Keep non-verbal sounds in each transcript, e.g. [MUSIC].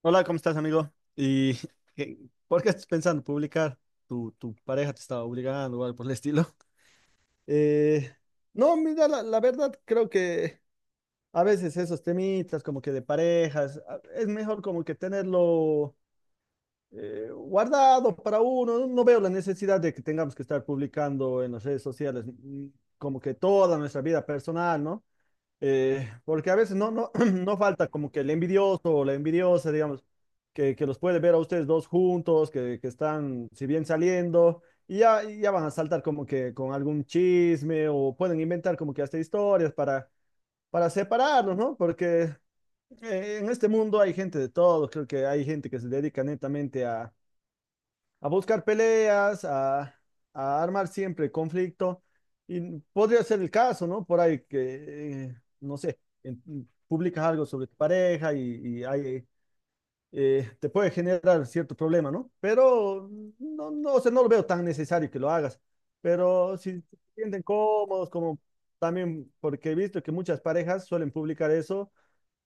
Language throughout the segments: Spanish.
Hola, ¿cómo estás, amigo? ¿Y [LAUGHS] qué- por qué estás pensando publicar? ¿Tu pareja te estaba obligando o algo por el estilo? [LAUGHS] Eh, no, mira, la verdad creo que a veces esos temitas como que de parejas, a- es mejor como que tenerlo guardado para uno. No veo la necesidad de que tengamos que estar publicando en las redes sociales como que toda nuestra vida personal, ¿no? Porque a veces [CLEARS THROAT] no falta como que el envidioso o la envidiosa, digamos, que los puede ver a ustedes dos juntos, que están, si bien saliendo, y ya van a saltar como que con algún chisme o pueden inventar como que hasta historias para separarlos, ¿no? Porque en este mundo hay gente de todo, creo que hay gente que se dedica netamente a buscar peleas, a armar siempre conflicto. Y podría ser el caso, ¿no? Por ahí que, no sé, publicas algo sobre tu pareja y ahí, te puede generar cierto problema, ¿no? Pero no, o sea, no lo veo tan necesario que lo hagas. Pero si se sienten cómodos, como también, porque he visto que muchas parejas suelen publicar eso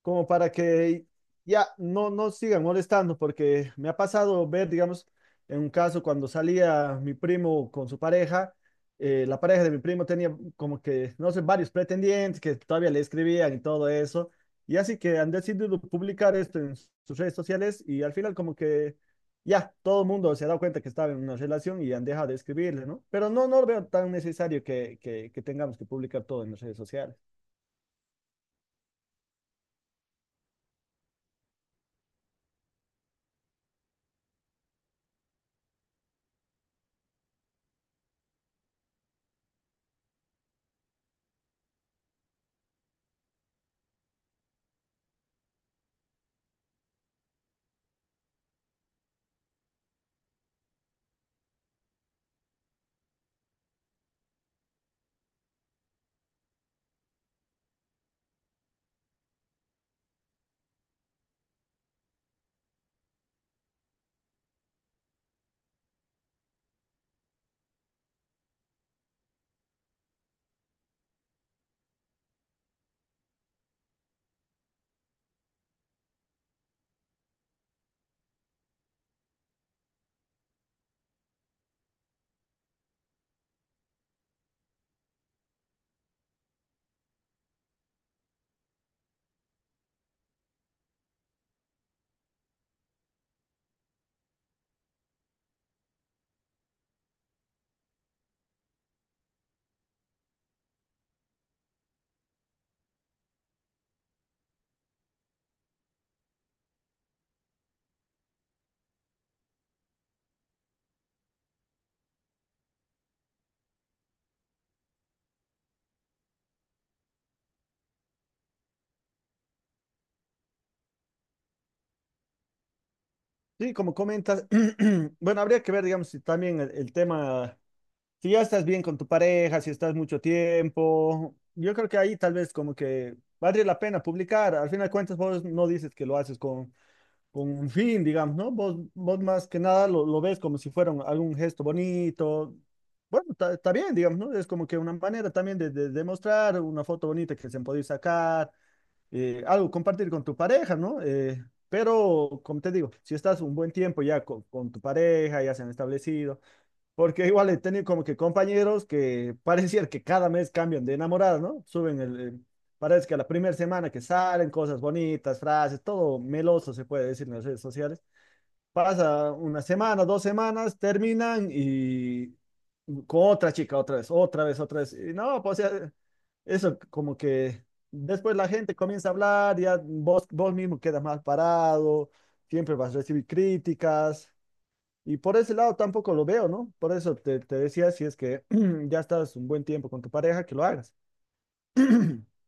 como para que ya no sigan molestando, porque me ha pasado ver, digamos, en un caso cuando salía mi primo con su pareja, la pareja de mi primo tenía como que, no sé, varios pretendientes que todavía le escribían y todo eso, y así que han decidido publicar esto en sus redes sociales y al final como que ya todo el mundo se ha dado cuenta que estaba en una relación y han dejado de escribirle, ¿no? Pero no, no lo veo tan necesario que, que tengamos que publicar todo en las redes sociales. Sí, como comentas, [CLEARS THROAT] bueno, habría que ver, digamos, si también el tema, si ya estás bien con tu pareja, si estás mucho tiempo, yo creo que ahí tal vez como que vale la pena publicar, al final de cuentas vos no dices que lo haces con un fin, digamos, ¿no? Vos, vos más que nada lo, lo ves como si fuera un- algún gesto bonito, bueno, está bien, digamos, ¿no? Es como que una manera también de, de mostrar una foto bonita que se han podido sacar algo compartir con tu pareja, ¿no? Pero, como te digo, si estás un buen tiempo ya co- con, tu pareja, ya se han establecido, porque igual he tenido como que compañeros que [LAUGHS] pareciera que cada mes cambian de enamorada, ¿no? Suben el- parece que a la primera semana que salen cosas bonitas, frases, todo meloso se puede decir en las redes sociales. Pasa una semana, dos semanas, terminan y con otra chica, otra vez, otra vez, otra vez. Y no, pues o sea, eso como que después la gente comienza a hablar, ya vos, vos mismo quedas mal parado, siempre vas a recibir críticas. Y por ese lado tampoco lo veo, ¿no? Por eso te, te decía, si es que [CLEARS THROAT] ya estás un buen tiempo con tu pareja, que lo hagas. [CLEARS THROAT]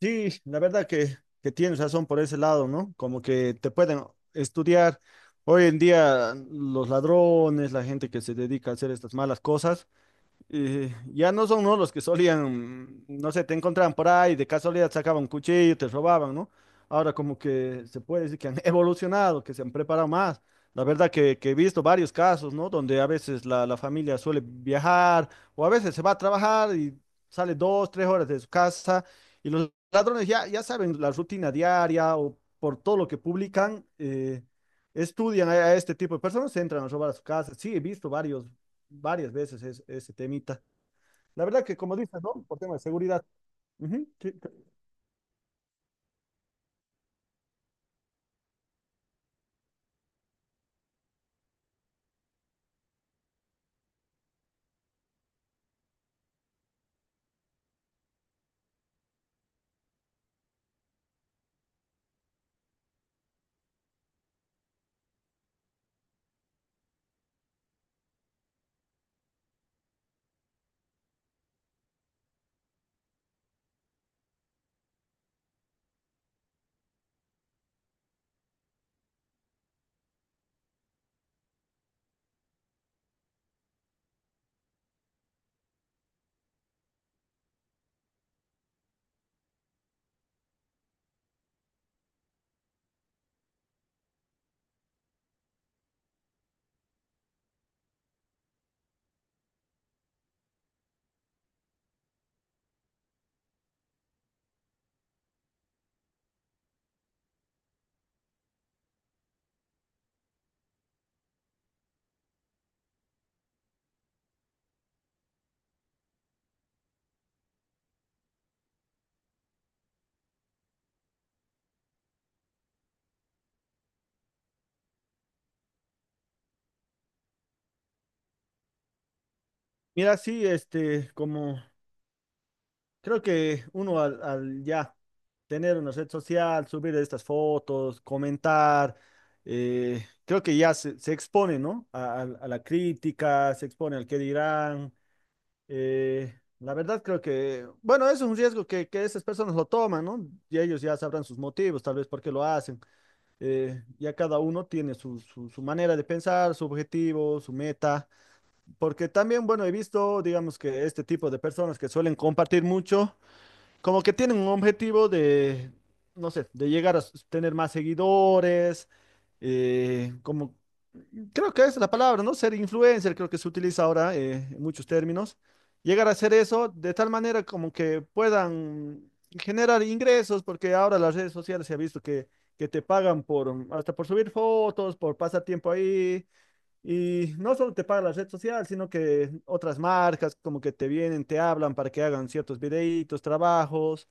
Sí, la verdad que tienes razón por ese lado, ¿no? Como que te pueden estudiar. Hoy en día los ladrones, la gente que se dedica a hacer estas malas cosas ya no son ¿no? los que solían, no sé, te encontraban por ahí, de casualidad sacaban un cuchillo, te robaban, ¿no? Ahora como que se puede decir que han [LAUGHS] evolucionado, que se han preparado más. La verdad que he visto varios casos, ¿no? Donde a veces la familia suele viajar o a veces se va a trabajar y sale dos, tres horas de su casa y los ladrones ya, ya saben la rutina diaria o por todo lo que publican, estudian a este tipo de personas, entran a robar a su casa. Sí, he visto varios, varias veces es- ese temita. La verdad que como dices, ¿no? Por tema de seguridad. Ujú, sí. Mira, sí, este, como creo que uno al, al ya tener una red social, subir estas fotos, comentar, creo que ya se expone, ¿no? A la crítica, se expone al qué dirán. eh, la verdad creo que, bueno, eso es un riesgo que esas personas lo toman, ¿no? Y ellos ya sabrán sus motivos, tal vez por qué lo hacen. Ya cada uno tiene su, su manera de pensar, su objetivo, su meta, porque también, bueno, he visto, digamos que este tipo de personas que suelen compartir mucho, como que tienen un objetivo de, no sé, de llegar a s- tener más seguidores, como, creo que es la palabra, ¿no? Ser influencer, creo que se utiliza ahora en muchos términos. Llegar a hacer eso de tal manera como que puedan generar ingresos, porque ahora las redes sociales se ha visto que te pagan por, hasta por subir fotos, por pasar tiempo ahí. Y no solo te paga la red social, sino que otras marcas como que te vienen, te hablan para que hagan ciertos videitos, trabajos,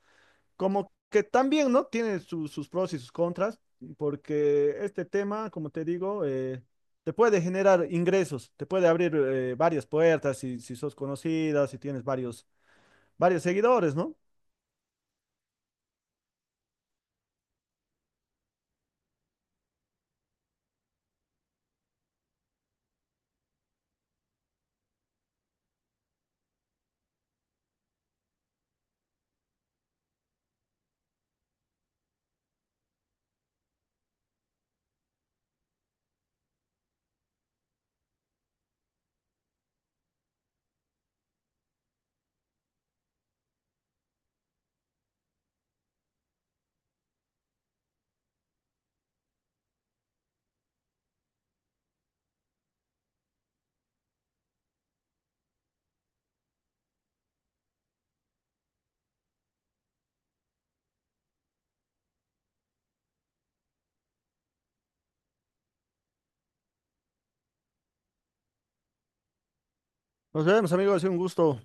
como que también, ¿no? Tiene su- sus pros y sus contras, porque este tema, como te digo, te puede generar ingresos, te puede abrir varias puertas si, si sos conocida, si tienes varios, varios seguidores, ¿no? Nos vemos, amigos, ha sido un gusto.